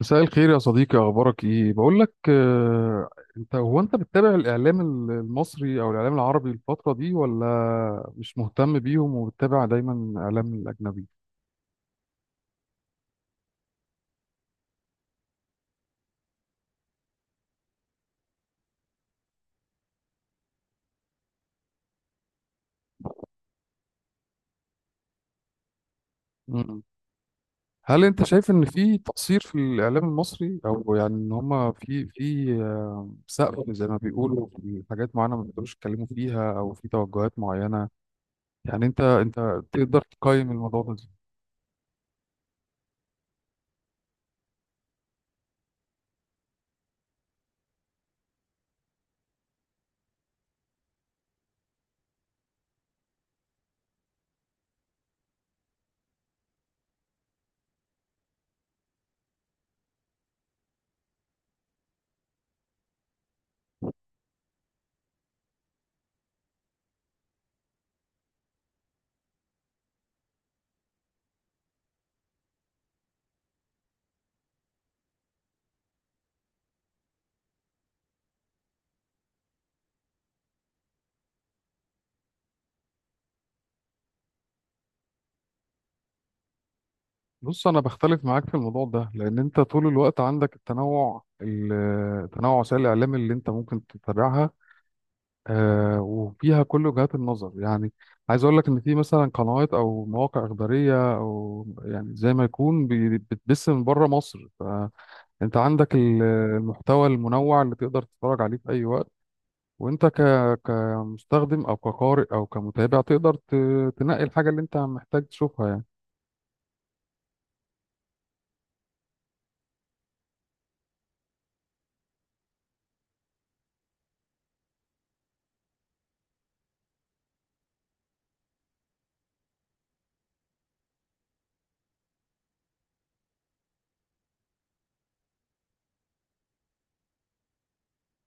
مساء الخير يا صديقي، اخبارك ايه؟ بقول لك، انت هو انت بتتابع الاعلام المصري او الاعلام العربي الفتره دي، ولا مش مهتم بيهم وبتتابع دايما الاعلام الاجنبي؟ مم. هل انت شايف ان في تقصير في الاعلام المصري، او يعني ان هما في في آه، سقف زي ما بيقولوا، في حاجات معينه ما بيقدروش يتكلموا فيها، او في توجهات معينه يعني؟ انت تقدر تقيم الموضوع ده؟ بص، انا بختلف معاك في الموضوع ده، لان انت طول الوقت عندك تنوع وسائل الاعلام اللي انت ممكن تتابعها، وفيها كل وجهات النظر يعني. عايز اقول لك ان في مثلا قنوات او مواقع اخباريه، او يعني زي ما يكون بتبث من بره مصر. فانت عندك المحتوى المنوع اللي تقدر تتفرج عليه في اي وقت، وانت كمستخدم او كقارئ او كمتابع تقدر تنقي الحاجه اللي انت محتاج تشوفها يعني.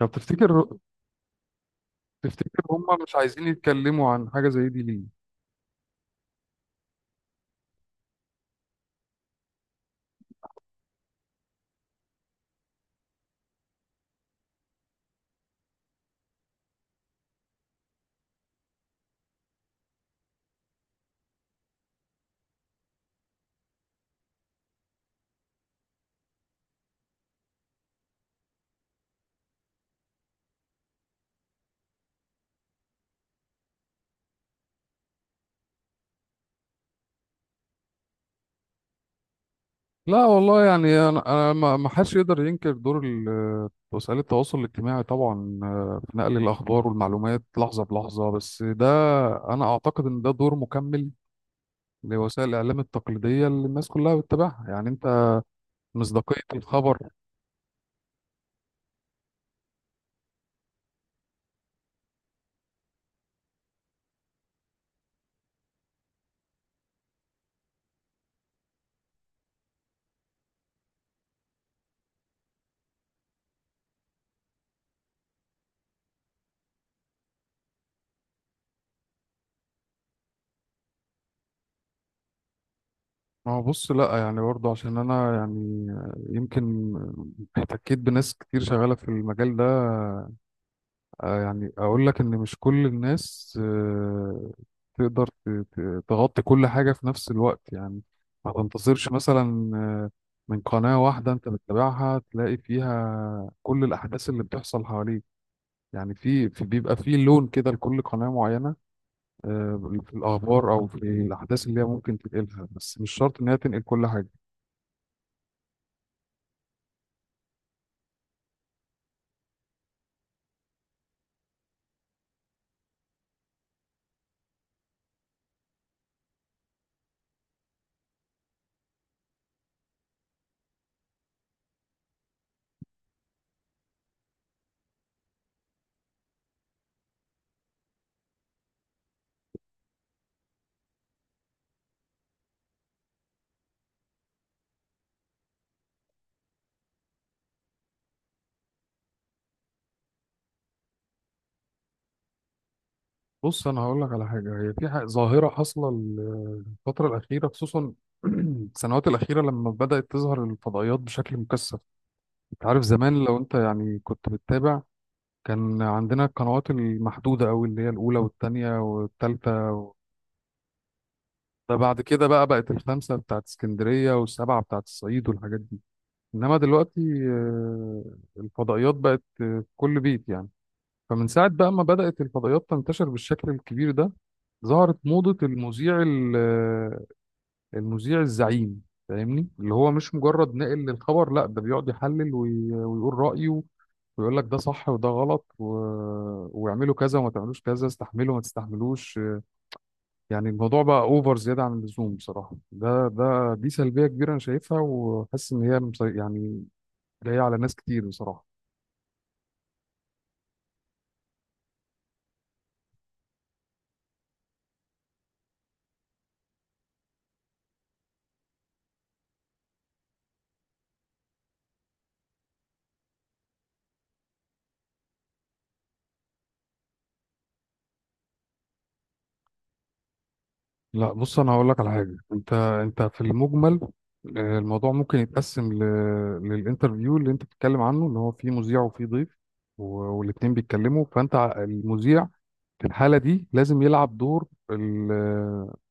طب، تفتكر هم مش عايزين يتكلموا عن حاجة زي دي ليه؟ لا والله، يعني انا ما حدش يقدر ينكر دور وسائل التواصل الاجتماعي طبعا، في نقل الاخبار والمعلومات لحظة بلحظة. بس ده انا اعتقد ان ده دور مكمل لوسائل الاعلام التقليدية اللي الناس كلها بتتابعها. يعني انت، مصداقية الخبر. ما هو بص، لا يعني برضه عشان انا يعني، يمكن احتكيت بناس كتير شغالة في المجال ده. يعني اقول لك ان مش كل الناس تقدر تغطي كل حاجة في نفس الوقت يعني. ما تنتظرش مثلا من قناة واحدة انت بتتابعها تلاقي فيها كل الاحداث اللي بتحصل حواليك. يعني بيبقى في لون كده لكل قناة معينة، في الاخبار او في الاحداث اللي هي ممكن تنقلها، بس مش شرط ان هي تنقل كل حاجة. بص، انا هقول لك على حاجه، هي في ظاهره حاصله الفتره الاخيره، خصوصا السنوات الاخيره، لما بدات تظهر الفضائيات بشكل مكثف. انت عارف زمان، لو انت يعني كنت بتتابع، كان عندنا القنوات المحدوده قوي اللي هي الاولى والثانيه والثالثه، ده بعد كده بقى بقت الخمسه بتاعت اسكندريه والسبعه بتاعت الصعيد والحاجات دي. انما دلوقتي، آه، الفضائيات بقت في كل بيت يعني. فمن ساعة بقى ما بدأت الفضائيات تنتشر بالشكل الكبير ده، ظهرت موضة المذيع المذيع الزعيم. فاهمني، اللي هو مش مجرد ناقل للخبر، لا ده بيقعد يحلل ويقول رأيه، ويقول لك ده صح وده غلط ويعملوا كذا وما تعملوش كذا، استحملوا ما تستحملوش. يعني الموضوع بقى اوفر، زيادة عن اللزوم بصراحة. ده ده دي سلبية كبيرة انا شايفها، وحاسس ان هي يعني جاية على ناس كتير بصراحة. لا بص، انا هقول لك على حاجه. انت في المجمل، الموضوع ممكن يتقسم للانترفيو اللي انت بتتكلم عنه، اللي هو فيه مذيع وفيه ضيف والاتنين بيتكلموا. فانت المذيع في الحاله دي لازم يلعب دور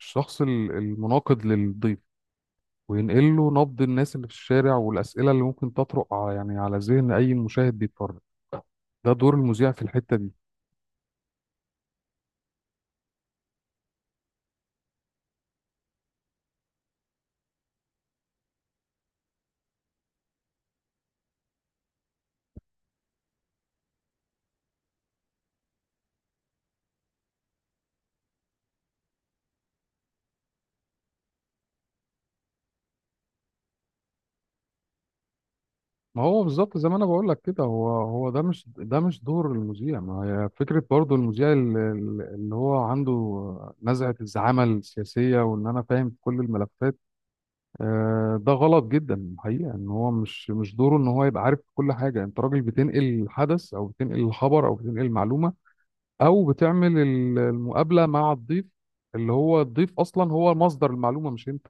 الشخص المناقض للضيف، وينقل له نبض الناس اللي في الشارع، والاسئله اللي ممكن تطرق يعني على ذهن اي مشاهد بيتفرج. ده دور المذيع في الحته دي. ما هو بالظبط زي ما انا بقول لك كده. هو ده مش دور المذيع. ما هي فكره برضو المذيع اللي هو عنده نزعه الزعامه السياسيه، وان انا فاهم في كل الملفات. ده غلط جدا. الحقيقه ان هو مش دوره ان هو يبقى عارف كل حاجه. انت راجل بتنقل الحدث او بتنقل الخبر او بتنقل المعلومه، او بتعمل المقابله مع الضيف، اللي هو الضيف اصلا هو مصدر المعلومه مش انت.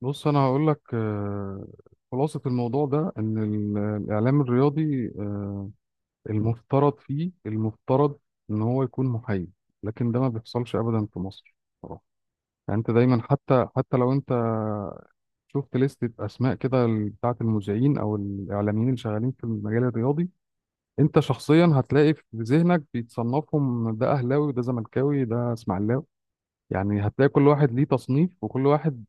بص، انا هقول لك، خلاصة الموضوع ده ان الاعلام الرياضي، المفترض فيه، المفترض ان هو يكون محايد، لكن ده ما بيحصلش ابدا في مصر بصراحة. يعني انت دايما، حتى لو انت شفت لستة اسماء كده، بتاعه المذيعين او الاعلاميين اللي شغالين في المجال الرياضي، انت شخصيا هتلاقي في ذهنك بيتصنفهم، ده اهلاوي وده زملكاوي ده اسماعيلاوي. يعني هتلاقي كل واحد ليه تصنيف، وكل واحد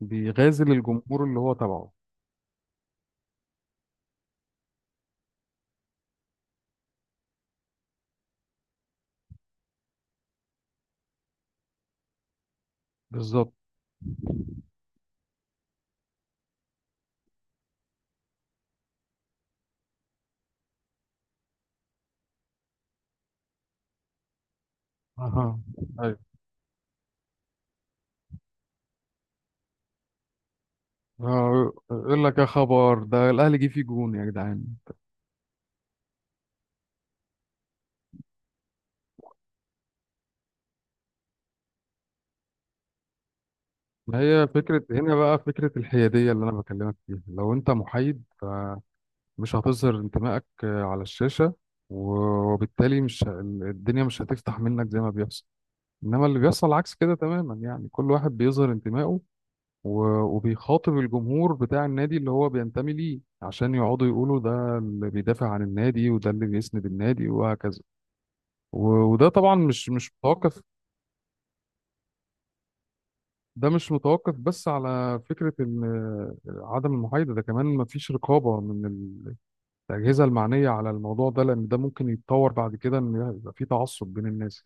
بيغازل الجمهور اللي هو تبعه. بالظبط. اها. ايوه. يقول لك يا خبر، ده الاهلي جه فيه جون يا جدعان. ما هي فكره هنا بقى، فكره الحياديه اللي انا بكلمك فيها. لو انت محايد مش هتظهر انتمائك على الشاشه، وبالتالي مش الدنيا مش هتفتح منك زي ما بيحصل. انما اللي بيحصل عكس كده تماما، يعني كل واحد بيظهر انتمائه، وبيخاطب الجمهور بتاع النادي اللي هو بينتمي ليه، عشان يقعدوا يقولوا ده اللي بيدافع عن النادي وده اللي بيسند النادي وهكذا. وده طبعا مش متوقف. ده مش متوقف بس، على فكرة إن عدم المحايدة ده كمان مفيش رقابة من الأجهزة المعنية على الموضوع ده، لأن ده ممكن يتطور بعد كده إن يبقى في تعصب بين الناس.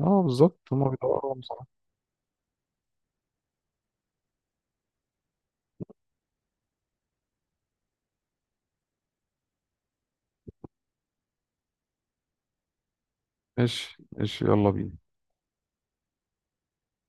اه بالظبط، هما بيدوروا على مصالح. ماشي ماشي، يلا بينا.